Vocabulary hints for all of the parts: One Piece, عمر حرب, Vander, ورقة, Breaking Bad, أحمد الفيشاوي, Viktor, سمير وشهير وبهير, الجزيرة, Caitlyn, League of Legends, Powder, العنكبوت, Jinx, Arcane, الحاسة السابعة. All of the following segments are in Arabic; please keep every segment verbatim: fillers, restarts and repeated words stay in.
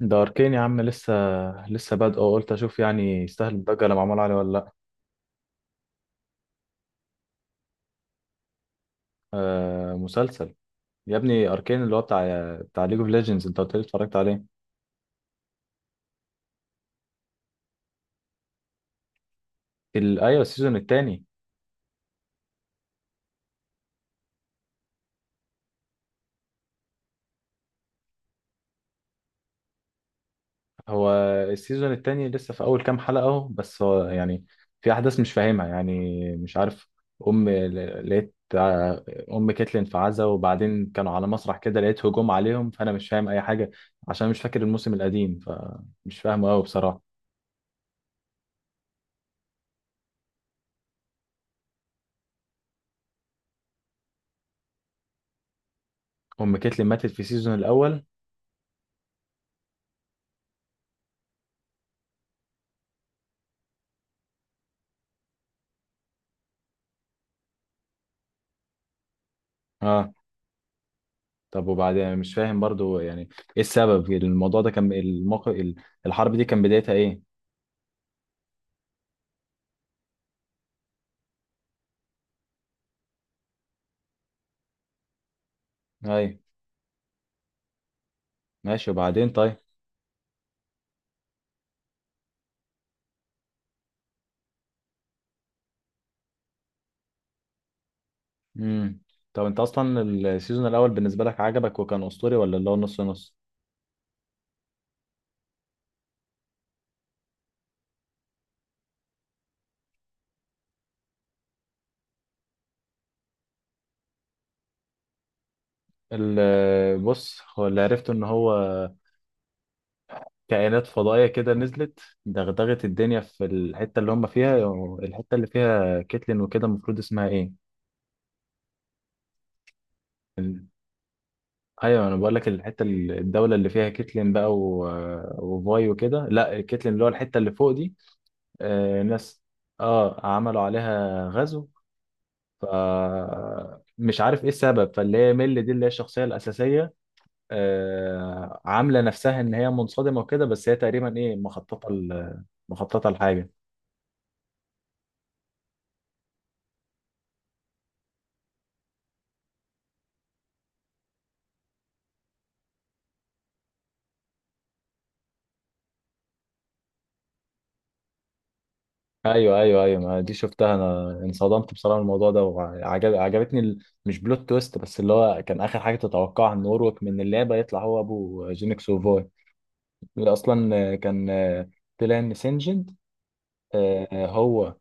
ده اركين يا عم، لسه لسه بادئه، قلت اشوف يعني يستاهل الضجه اللي معمول عليه ولا لا. آه مسلسل. يا ابني اركين اللي هو بتاع بتاع ليج اوف ليجندز انت قلت لي اتفرجت عليه. ال- ايوه السيزون التاني. هو السيزون التاني لسه في اول كام حلقه اهو، بس هو يعني في احداث مش فاهمها يعني، مش عارف. ام ل- لقيت آه، ام كيتلين في عزا، وبعدين كانوا على مسرح كده لقيت هجوم عليهم، فانا مش فاهم اي حاجه عشان مش فاكر الموسم القديم، فمش فاهمه قوي بصراحه. ام كيتلين ماتت في السيزون الاول. اه، طب وبعدين مش فاهم برضو، يعني ايه السبب؟ الموضوع ده كان الموقف، الحرب دي كان بدايتها ايه؟ ايوه، ماشي، وبعدين؟ طيب. امم. طب انت اصلا السيزون الاول بالنسبه لك عجبك وكان اسطوري، ولا اللي هو نص نص؟ ال- بص، هو اللي عرفته ان هو كائنات فضائيه كده نزلت دغدغت الدنيا في الحته اللي هم فيها. الحته اللي فيها كيتلين وكده المفروض اسمها ايه؟ ايوه انا بقول لك، الحته ال- الدوله اللي فيها كيتلين بقى، و... وفاي وكده. لا، كيتلين اللي هو الحته اللي فوق دي. آه ناس، اه عملوا عليها غزو. ف مش عارف ايه السبب، فاللي هي ميل دي اللي هي الشخصيه الاساسيه آه عامله نفسها ان هي منصدمه وكده، بس هي تقريبا ايه مخططه ل- مخططه لحاجه. ايوه ايوه ايوه، ما دي شفتها، انا انصدمت بصراحه من الموضوع ده، وعجب عجبتني ال... مش بلوت تويست، بس اللي هو كان اخر حاجه تتوقعها ان اوروك من اللعبه يطلع هو ابو جينكس وفوي، اللي اصلا كان طلع ان سينجنت. آه، هو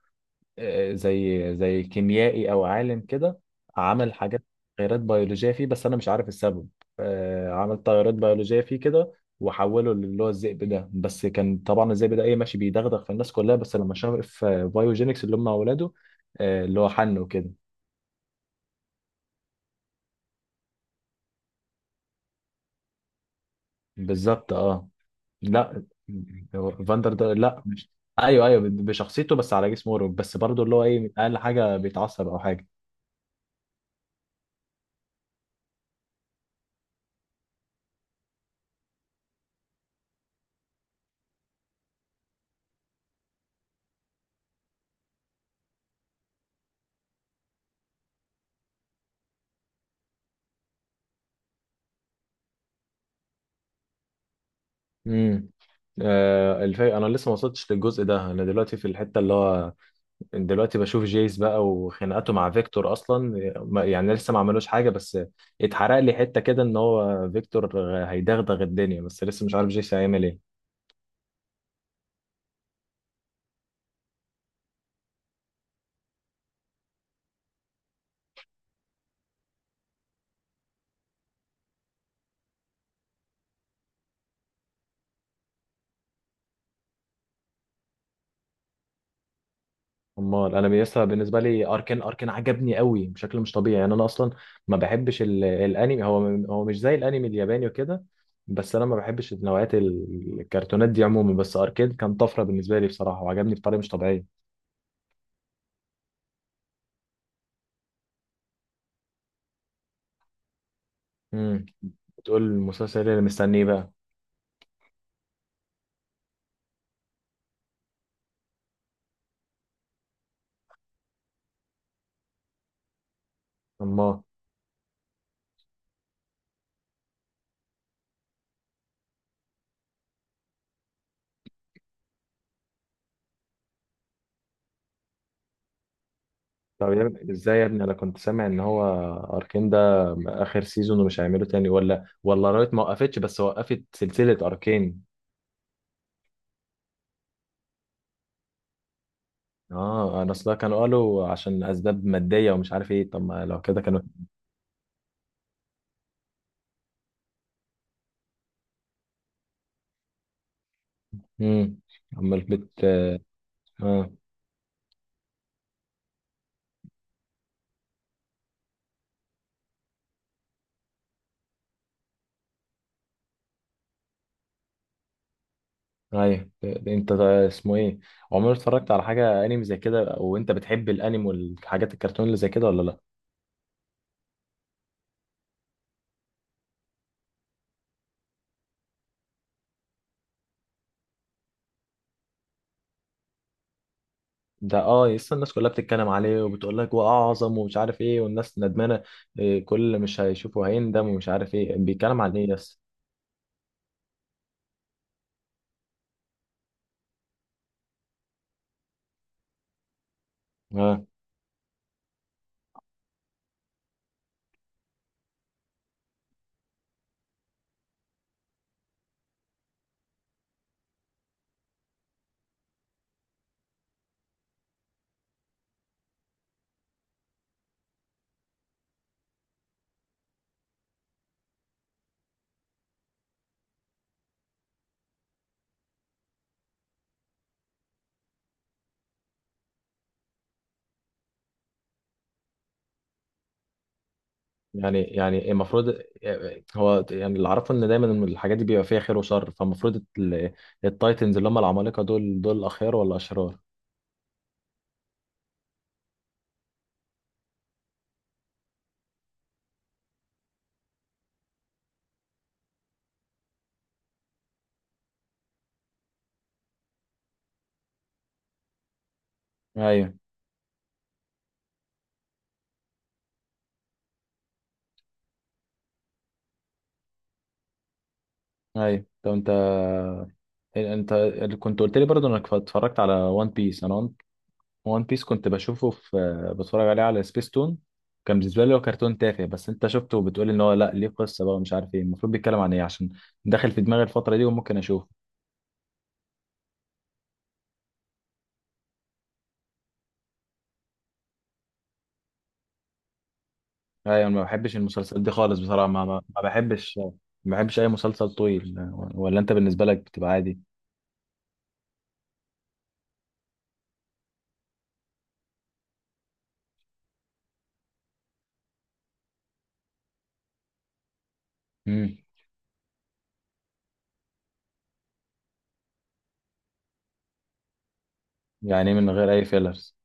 آه، زي زي كيميائي او عالم كده، عمل حاجات، تغيرات بيولوجيه فيه، بس انا مش عارف السبب. آه، عمل تغيرات بيولوجيه فيه كده وحوله اللي هو الذئب ده، بس كان طبعا الذئب ده ايه ماشي بيدغدغ في الناس كلها، بس لما شاف في بايوجينكس اللي هم اولاده، آه، اللي هو حنه كده. بالظبط، اه. لا، هو فاندر ده لا مش، ايوه ايوه بشخصيته بس على جسم اوروب، بس برضه اللي هو ايه اقل حاجه بيتعصب او حاجه. امم. آه الفي... انا لسه ما وصلتش للجزء ده، انا دلوقتي في الحته اللي هو، دلوقتي بشوف جيس بقى وخناقاته مع فيكتور اصلا. ما- يعني لسه ما عملوش حاجه، بس اتحرق لي حته كده ان هو فيكتور هيدغدغ الدنيا، بس لسه مش عارف جيس هيعمل ايه. امال انا لسه، بالنسبه لي اركان اركان عجبني قوي بشكل مش طبيعي، يعني انا اصلا ما بحبش ال... الانمي، هو هو مش زي الانمي الياباني وكده، بس انا ما بحبش نوعيات الكرتونات دي عموما، بس اركان كان طفره بالنسبه لي بصراحه، وعجبني بطريقه مش طبيعيه. تقول المسلسل إيه اللي مستنيه بقى؟ الله. طب يا ابني ازاي؟ يا ابني انا كنت سامع ان هو اركين ده اخر سيزون ومش هيعمله تاني، ولا ولا رايت ما وقفتش بس وقفت سلسلة اركين. اه، انا اصلا كانوا قالوا عشان اسباب مادية ومش عارف ايه، طب ما لو كده كانوا. امم. امال بت اه. ايوه، انت ده اسمه ايه؟ عمرك اتفرجت على حاجة انمي زي كده وانت بتحب الانمي والحاجات الكرتون اللي زي كده ولا لا؟ ده اه، لسه الناس كلها بتتكلم عليه وبتقول لك واعظم ومش عارف ايه، والناس ندمانه إيه، كل اللي مش هيشوفه هيندم ومش عارف ايه. بيتكلم عن ايه بس؟ اه، يعني يعني المفروض إيه- هو يعني اللي اعرفه ان دايما الحاجات دي بيبقى فيها خير وشر، فالمفروض ال- التايتنز اللي هم العمالقه دول، دول اخيار ولا اشرار؟ ايوه ايوه. طب انت آه، إيه، انت كنت قلت لي برضه انك اتفرجت على وان بيس. انا وان بيس كنت بشوفه في، بتفرج عليه على سبيستون، كان بالنسبه لي هو كرتون تافه، بس انت شفته وبتقول ان هو لا ليه قصه بقى ومش عارف ايه. المفروض بيتكلم عن ايه؟ عشان داخل في دماغي الفتره دي وممكن اشوفه. ايوه، انا ما بحبش المسلسلات دي خالص بصراحه، ما ما ما بحبش. ما بحبش اي مسلسل طويل، ولا انت بالنسبه لك بتبقى عادي؟ امم. يعني إيه من غير اي فيلرز؟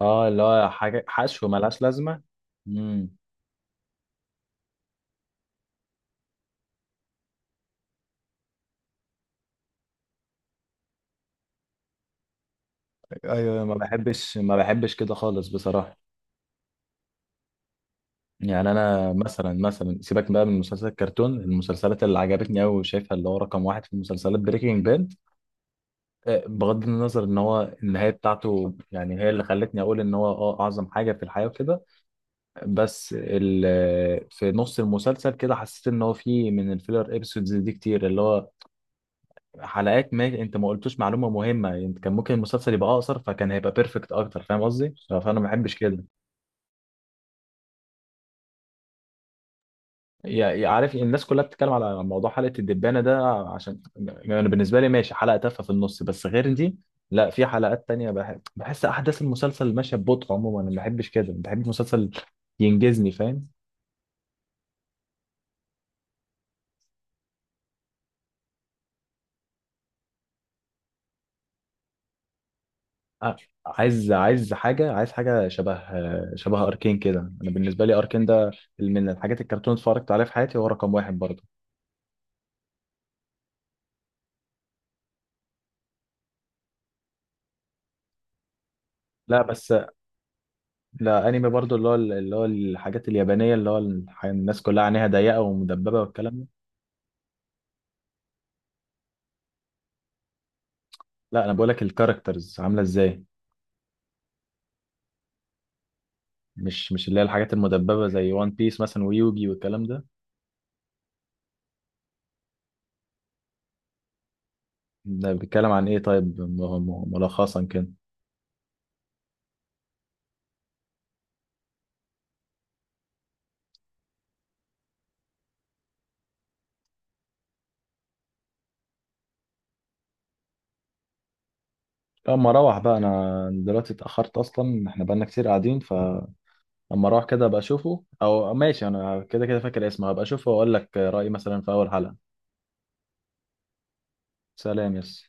اه، اللي هو حاجه حشو ملهاش لازمه. امم. ايوه، ما بحبش، ما بحبش كده خالص بصراحه. يعني انا مثلا مثلا سيبك بقى من مسلسل الكرتون، المسلسلات اللي عجبتني قوي وشايفها اللي هو رقم واحد في المسلسلات، بريكنج باد، بغض النظر ان هو النهايه بتاعته يعني هي اللي خلتني اقول ان هو اه اعظم حاجه في الحياه وكده، بس ال- آه، في نص المسلسل كده حسيت ان هو في من الفيلر ابيسودز دي كتير، اللي هو حلقات ما انت ما قلتوش معلومه مهمه، انت كان ممكن المسلسل يبقى اقصر، فكان هيبقى بيرفكت اكتر. فاهم قصدي؟ فانا ما بحبش كده. يا- عارف الناس كلها بتتكلم على موضوع حلقة الدبانة ده، عشان يعني بالنسبة لي ماشي حلقة تافهة في النص، بس غير دي لا، في حلقات تانية بح- بحس أحداث المسلسل ماشية ببطء. عموما أنا ما بحبش كده، بحب مسلسل ينجزني، فاهم؟ أ- عايز، عايز حاجة عايز حاجة شبه، شبه أركين كده. أنا بالنسبة لي أركين ده من الحاجات الكرتون اتفرجت عليها في حياتي، هو رقم واحد برضه. لا بس، لا أنمي برضه اللي هو، اللي هو الحاجات اليابانية اللي هو الح- الناس كلها عينيها ضيقة ومدببة والكلام ده. لا، انا بقولك الكاركترز عامله ازاي، مش مش اللي هي الحاجات المدببه زي وان بيس مثلا، ويوجي والكلام ده. ده بيتكلم عن ايه طيب؟ م- م- ملخصا كده. لما اروح بقى، انا دلوقتي اتاخرت اصلا، احنا بقالنا كتير قاعدين، فلما اروح كده ابقى اشوفه، او ماشي انا كده كده فاكر اسمه، هبقى اشوفه واقول لك رايي مثلا في اول حلقه. سلام يس.